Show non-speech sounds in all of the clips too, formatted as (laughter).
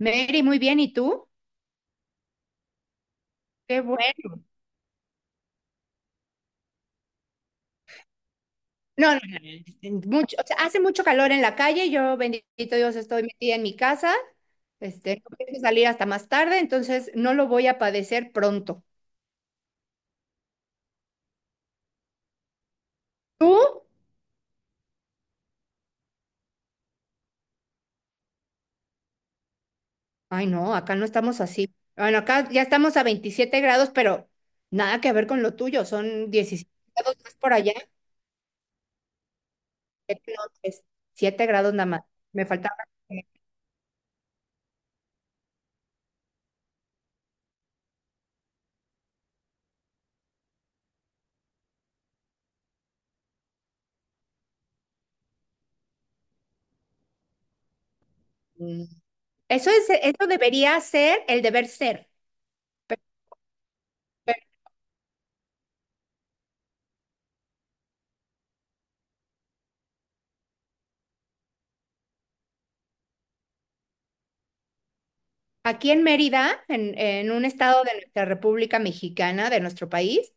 Mary, muy bien, ¿y tú? Qué bueno. No, no, no, mucho, o sea, hace mucho calor en la calle, yo bendito Dios estoy metida en mi casa, no pienso salir hasta más tarde, entonces no lo voy a padecer pronto. ¿Tú? Ay, no, acá no estamos así. Bueno, acá ya estamos a 27 grados, pero nada que ver con lo tuyo, son 17 grados más por allá. No, es 7 grados nada más. Me faltaba. eh, Mm. Eso es, eso debería ser el deber ser. Aquí en Mérida, en un estado de nuestra República Mexicana, de nuestro país,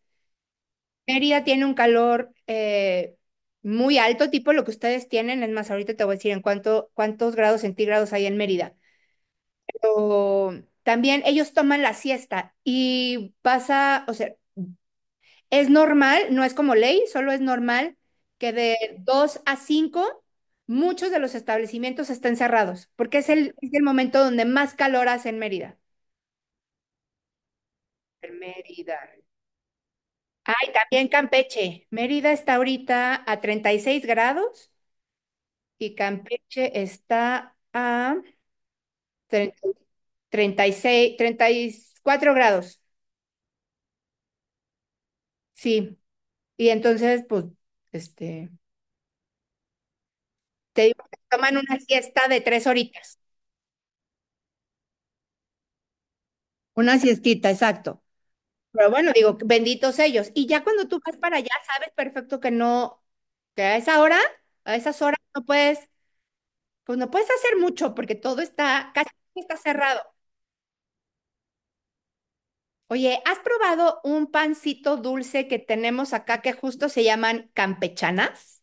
Mérida tiene un calor muy alto, tipo lo que ustedes tienen. Es más, ahorita te voy a decir en cuántos grados centígrados hay en Mérida. Pero también ellos toman la siesta y pasa, o sea, es normal, no es como ley, solo es normal que de 2 a 5 muchos de los establecimientos estén cerrados, porque es el momento donde más calor hace en Mérida. En Mérida. Ay, también Campeche. Mérida está ahorita a 36 grados y Campeche está a tre- 34 grados. Sí. Y entonces, pues, este, te digo que toman una siesta de 3 horitas. Una siestita, exacto. Pero bueno, digo, benditos ellos. Y ya cuando tú vas para allá, sabes perfecto que no, que a esas horas no puedes, pues no puedes hacer mucho porque casi todo está cerrado. Oye, ¿has probado un pancito dulce que tenemos acá que justo se llaman campechanas?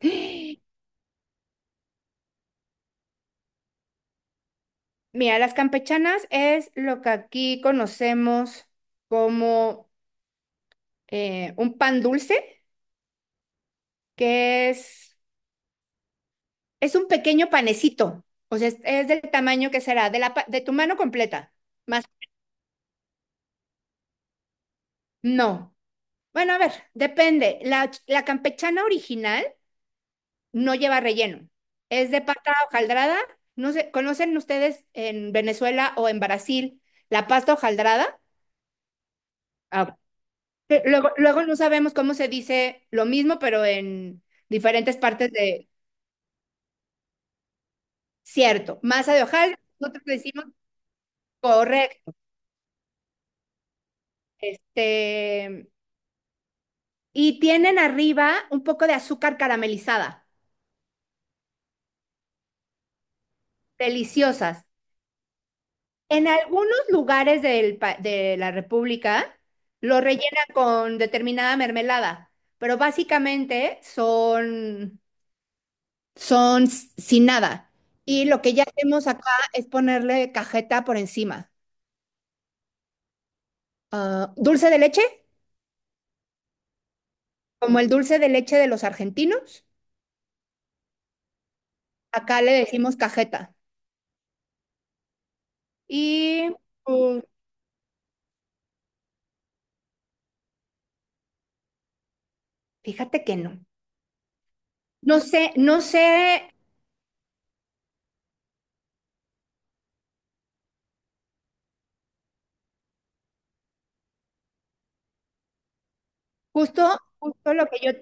(gasps) Mira, las campechanas es lo que aquí conocemos como un pan dulce, que es un pequeño panecito, o sea, es del tamaño que será, de tu mano completa, más no. Bueno, a ver, depende. La campechana original no lleva relleno. Es de pasta hojaldrada. No sé, ¿conocen ustedes en Venezuela o en Brasil la pasta hojaldrada? Ah, que luego, luego no sabemos cómo se dice lo mismo, pero en diferentes partes de, cierto, masa de hojaldre, nosotros le decimos correcto, este, y tienen arriba un poco de azúcar caramelizada, deliciosas. En algunos lugares de la República lo rellenan con determinada mermelada, pero básicamente sin nada. Y lo que ya hacemos acá es ponerle cajeta por encima. Ah, dulce de leche, como el dulce de leche de los argentinos, acá le decimos cajeta. Y pues, fíjate que no. No sé, no sé, justo, justo lo que yo.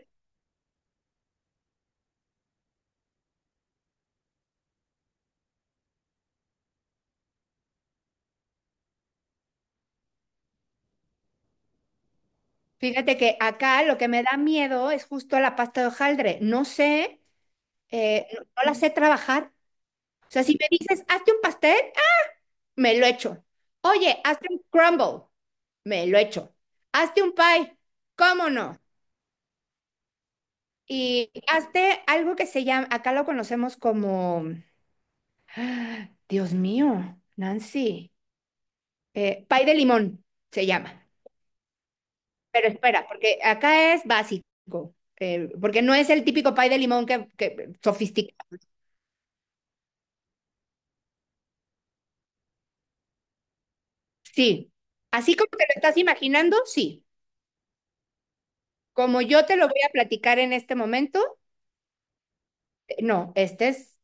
Fíjate que acá lo que me da miedo es justo la pasta de hojaldre. No sé, no, no la sé trabajar. O sea, si me dices, hazte un pastel, ah, me lo echo. Oye, hazte un crumble, me lo echo. Hazte un pie, ¿cómo no? Y hazte algo que se llama, acá lo conocemos como, ah, Dios mío, Nancy, pie de limón se llama. Pero espera, porque acá es básico, porque no es el típico pie de limón sofisticado. Sí, así como te lo estás imaginando, sí. Como yo te lo voy a platicar en este momento, no, este es,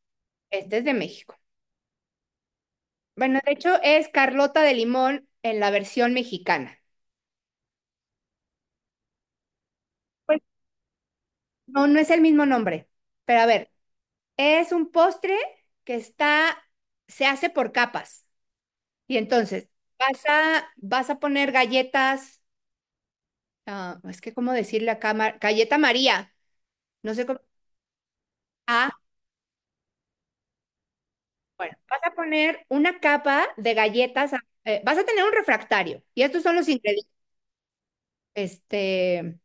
este es de México. Bueno, de hecho es Carlota de Limón en la versión mexicana. Pues no, no es el mismo nombre, pero a ver, es un postre que está, se hace por capas. Y entonces, vas a poner galletas, ah, es que cómo decirle acá, Mar, galleta María, no sé cómo, ah, bueno, vas a poner una capa de galletas, vas a tener un refractario y estos son los ingredientes. Este,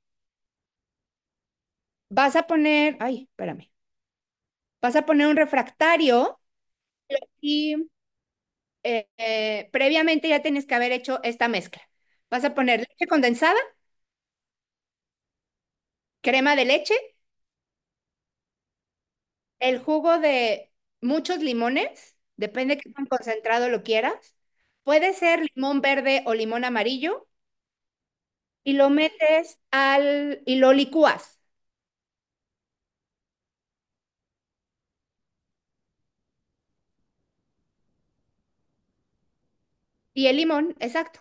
Vas a poner, ay, espérame, vas a poner un refractario y previamente ya tienes que haber hecho esta mezcla. Vas a poner leche condensada, crema de leche, el jugo de muchos limones, depende de qué tan concentrado lo quieras. Puede ser limón verde o limón amarillo y lo metes al y lo licúas. Y el limón, exacto.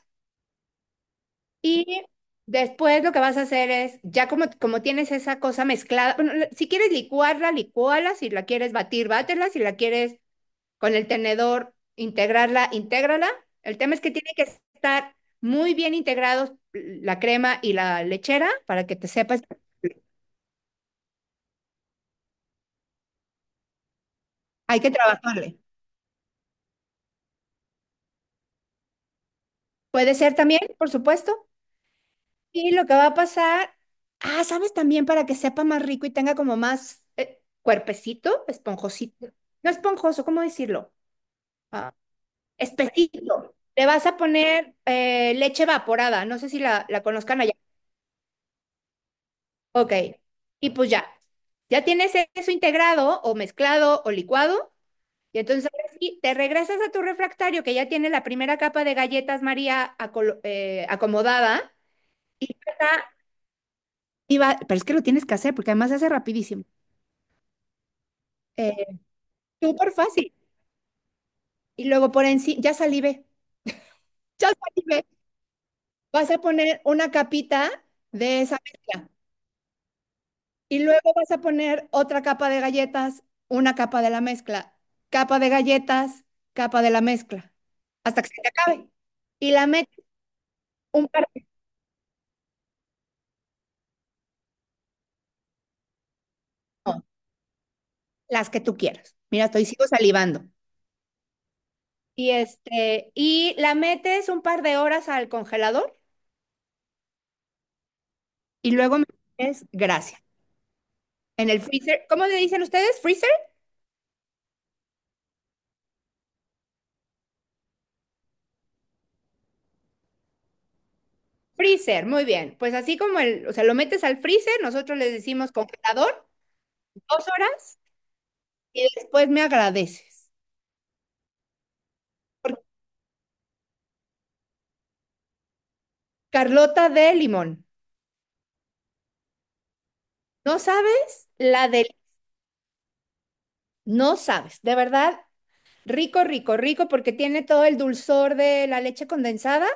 Y después lo que vas a hacer es, ya como tienes esa cosa mezclada, bueno, si quieres licuarla, licúala, si la quieres batir, bátela, si la quieres con el tenedor integrarla, intégrala. El tema es que tiene que estar muy bien integrados la crema y la lechera para que te sepas, hay que trabajarle. Puede ser también, por supuesto. Y lo que va a pasar, ah, ¿sabes también para que sepa más rico y tenga como más cuerpecito, esponjosito? No esponjoso, ¿cómo decirlo? Ah, espesito. Le vas a poner leche evaporada, no sé si la conozcan allá. Ok, y pues ya. Ya tienes eso integrado o mezclado o licuado, y entonces ahora sí, te regresas a tu refractario que ya tiene la primera capa de galletas María acomodada, y va, pero es que lo tienes que hacer porque además se hace rapidísimo. Eh, Súper fácil. Y luego por encima, ya salivé, vas a poner una capita de esa mezcla. Y luego vas a poner otra capa de galletas, una capa de la mezcla, capa de galletas, capa de la mezcla, hasta que se te acabe. Y la metes un par de- no, las que tú quieras. Mira, estoy sigo salivando. Y y la metes un par de horas al congelador y luego es gracia. En el freezer, ¿cómo le dicen ustedes? ¿Freezer? Freezer, muy bien. Pues así como o sea, lo metes al freezer, nosotros les decimos congelador, 2 horas y después me agradeces. Porque Carlota de limón. ¿No sabes? La de... No sabes, de verdad, rico, rico, rico, porque tiene todo el dulzor de la leche condensada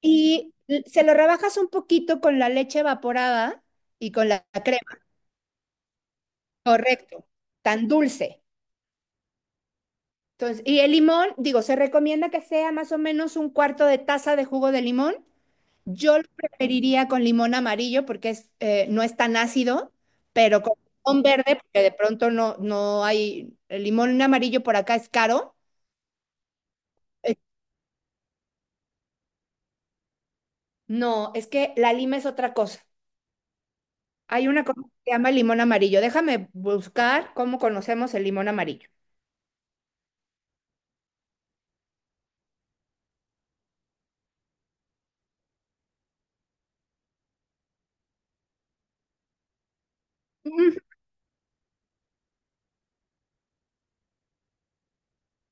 y se lo rebajas un poquito con la leche evaporada y con la crema, correcto, tan dulce. Entonces, y el limón, digo, se recomienda que sea más o menos un cuarto de taza de jugo de limón. Yo lo preferiría con limón amarillo porque no es tan ácido, pero con limón verde, porque de pronto no, no hay, el limón amarillo por acá es caro. Eh, No, es que la lima es otra cosa. Hay una cosa que se llama limón amarillo. Déjame buscar cómo conocemos el limón amarillo. Ujú.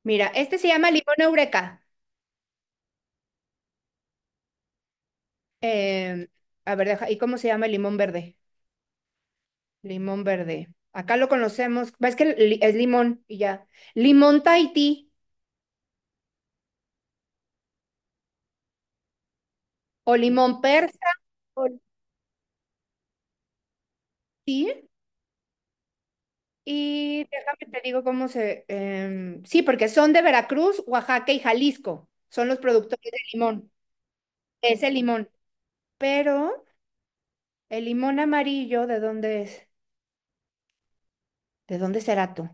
Mira, este se llama limón eureka. Eh, a ver, deja, ¿y cómo se llama el limón verde? Limón verde. Acá lo conocemos, ves que es limón y ya. Limón Tahití. O limón persa, Ol- sí. Y déjame te digo sí, porque son de Veracruz, Oaxaca y Jalisco. Son los productores de limón. Es el limón. Pero el limón amarillo, ¿de dónde es? ¿De dónde será tú?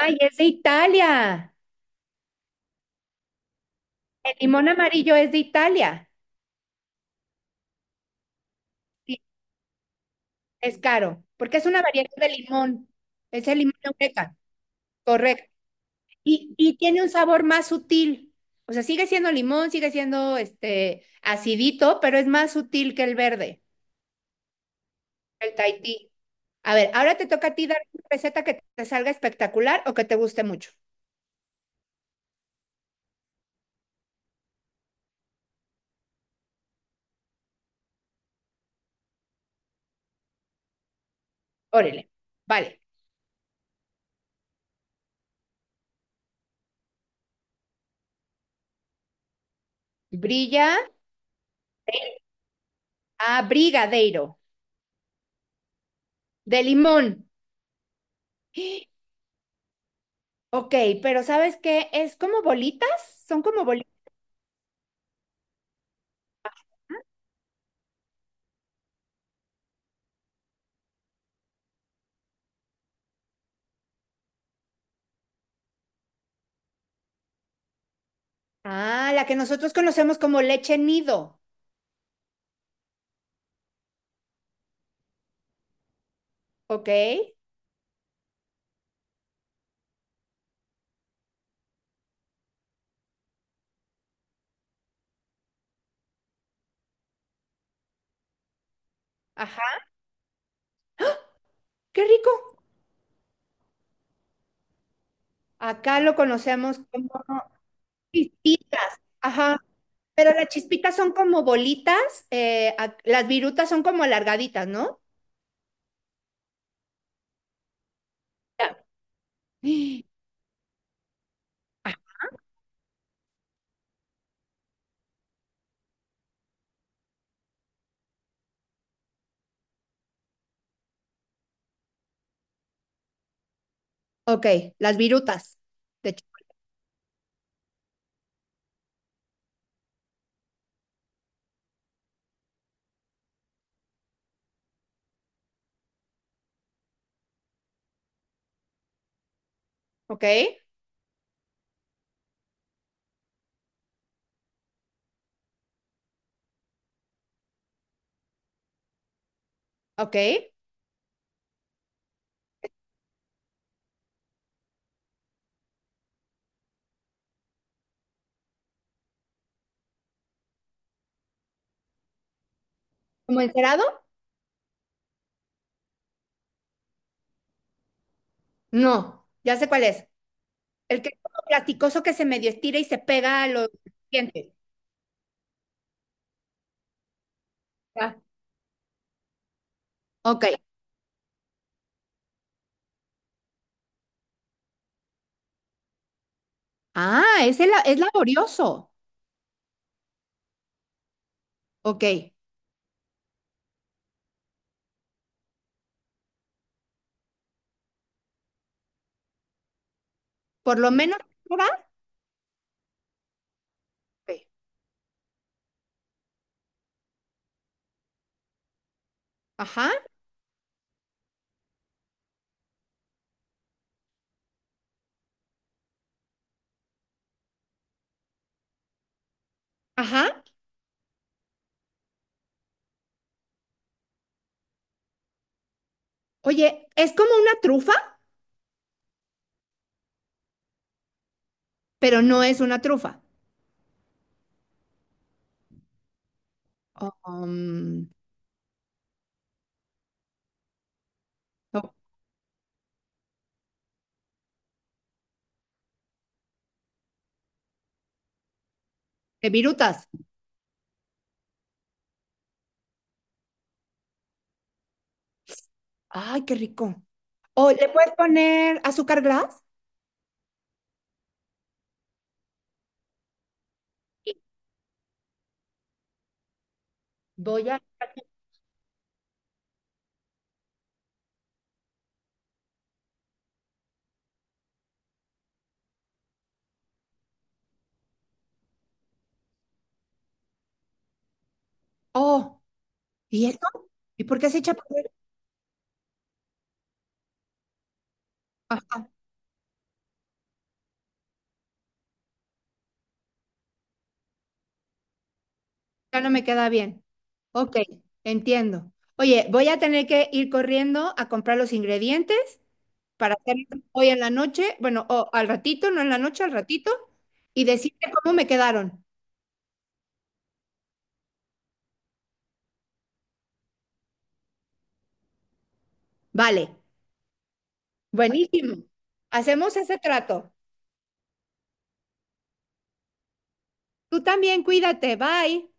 ¡Ay, es de Italia! El limón amarillo es de Italia. Sí, es caro, porque es una variedad de limón. Es el limón eureka. Correcto. Y tiene un sabor más sutil. O sea, sigue siendo limón, sigue siendo este acidito, pero es más sutil que el verde, el Tahití. A ver, ahora te toca a ti dar una receta que te salga espectacular o que te guste mucho. Órale. Vale. Brilla a brigadeiro de limón. (gasps) Ok, pero ¿sabes qué? Es como bolitas, son como bolitas. Ah, la que nosotros conocemos como leche nido. Ok. Ajá. Qué rico. Acá lo conocemos como. Chispitas, ajá. Pero las chispitas son como bolitas, las virutas son como alargaditas, ¿no? Ya. Ah, ok, las virutas. de chi- ok, ok. ¿Como encerado? No, ya sé cuál es. El que es como plasticoso que se medio estira y se pega a los dientes. Ya. Ok. Ah, ese es laborioso. Ok. Por lo menos ahora. Ok. Ajá, ajá. Oye, es como una trufa, pero no es una trufa. Um, no, virutas. Ay, qué rico. O le puedes poner azúcar glass. Voy a. Oh, ¿y eso? ¿Y por qué se echa a perder? Ajá, ya no me queda bien. Ok, entiendo. Oye, voy a tener que ir corriendo a comprar los ingredientes para hacer hoy en la noche, bueno, o al ratito, no en la noche, al ratito, y decirte cómo me quedaron. Vale, buenísimo. Hacemos ese trato. Tú también, cuídate. Bye.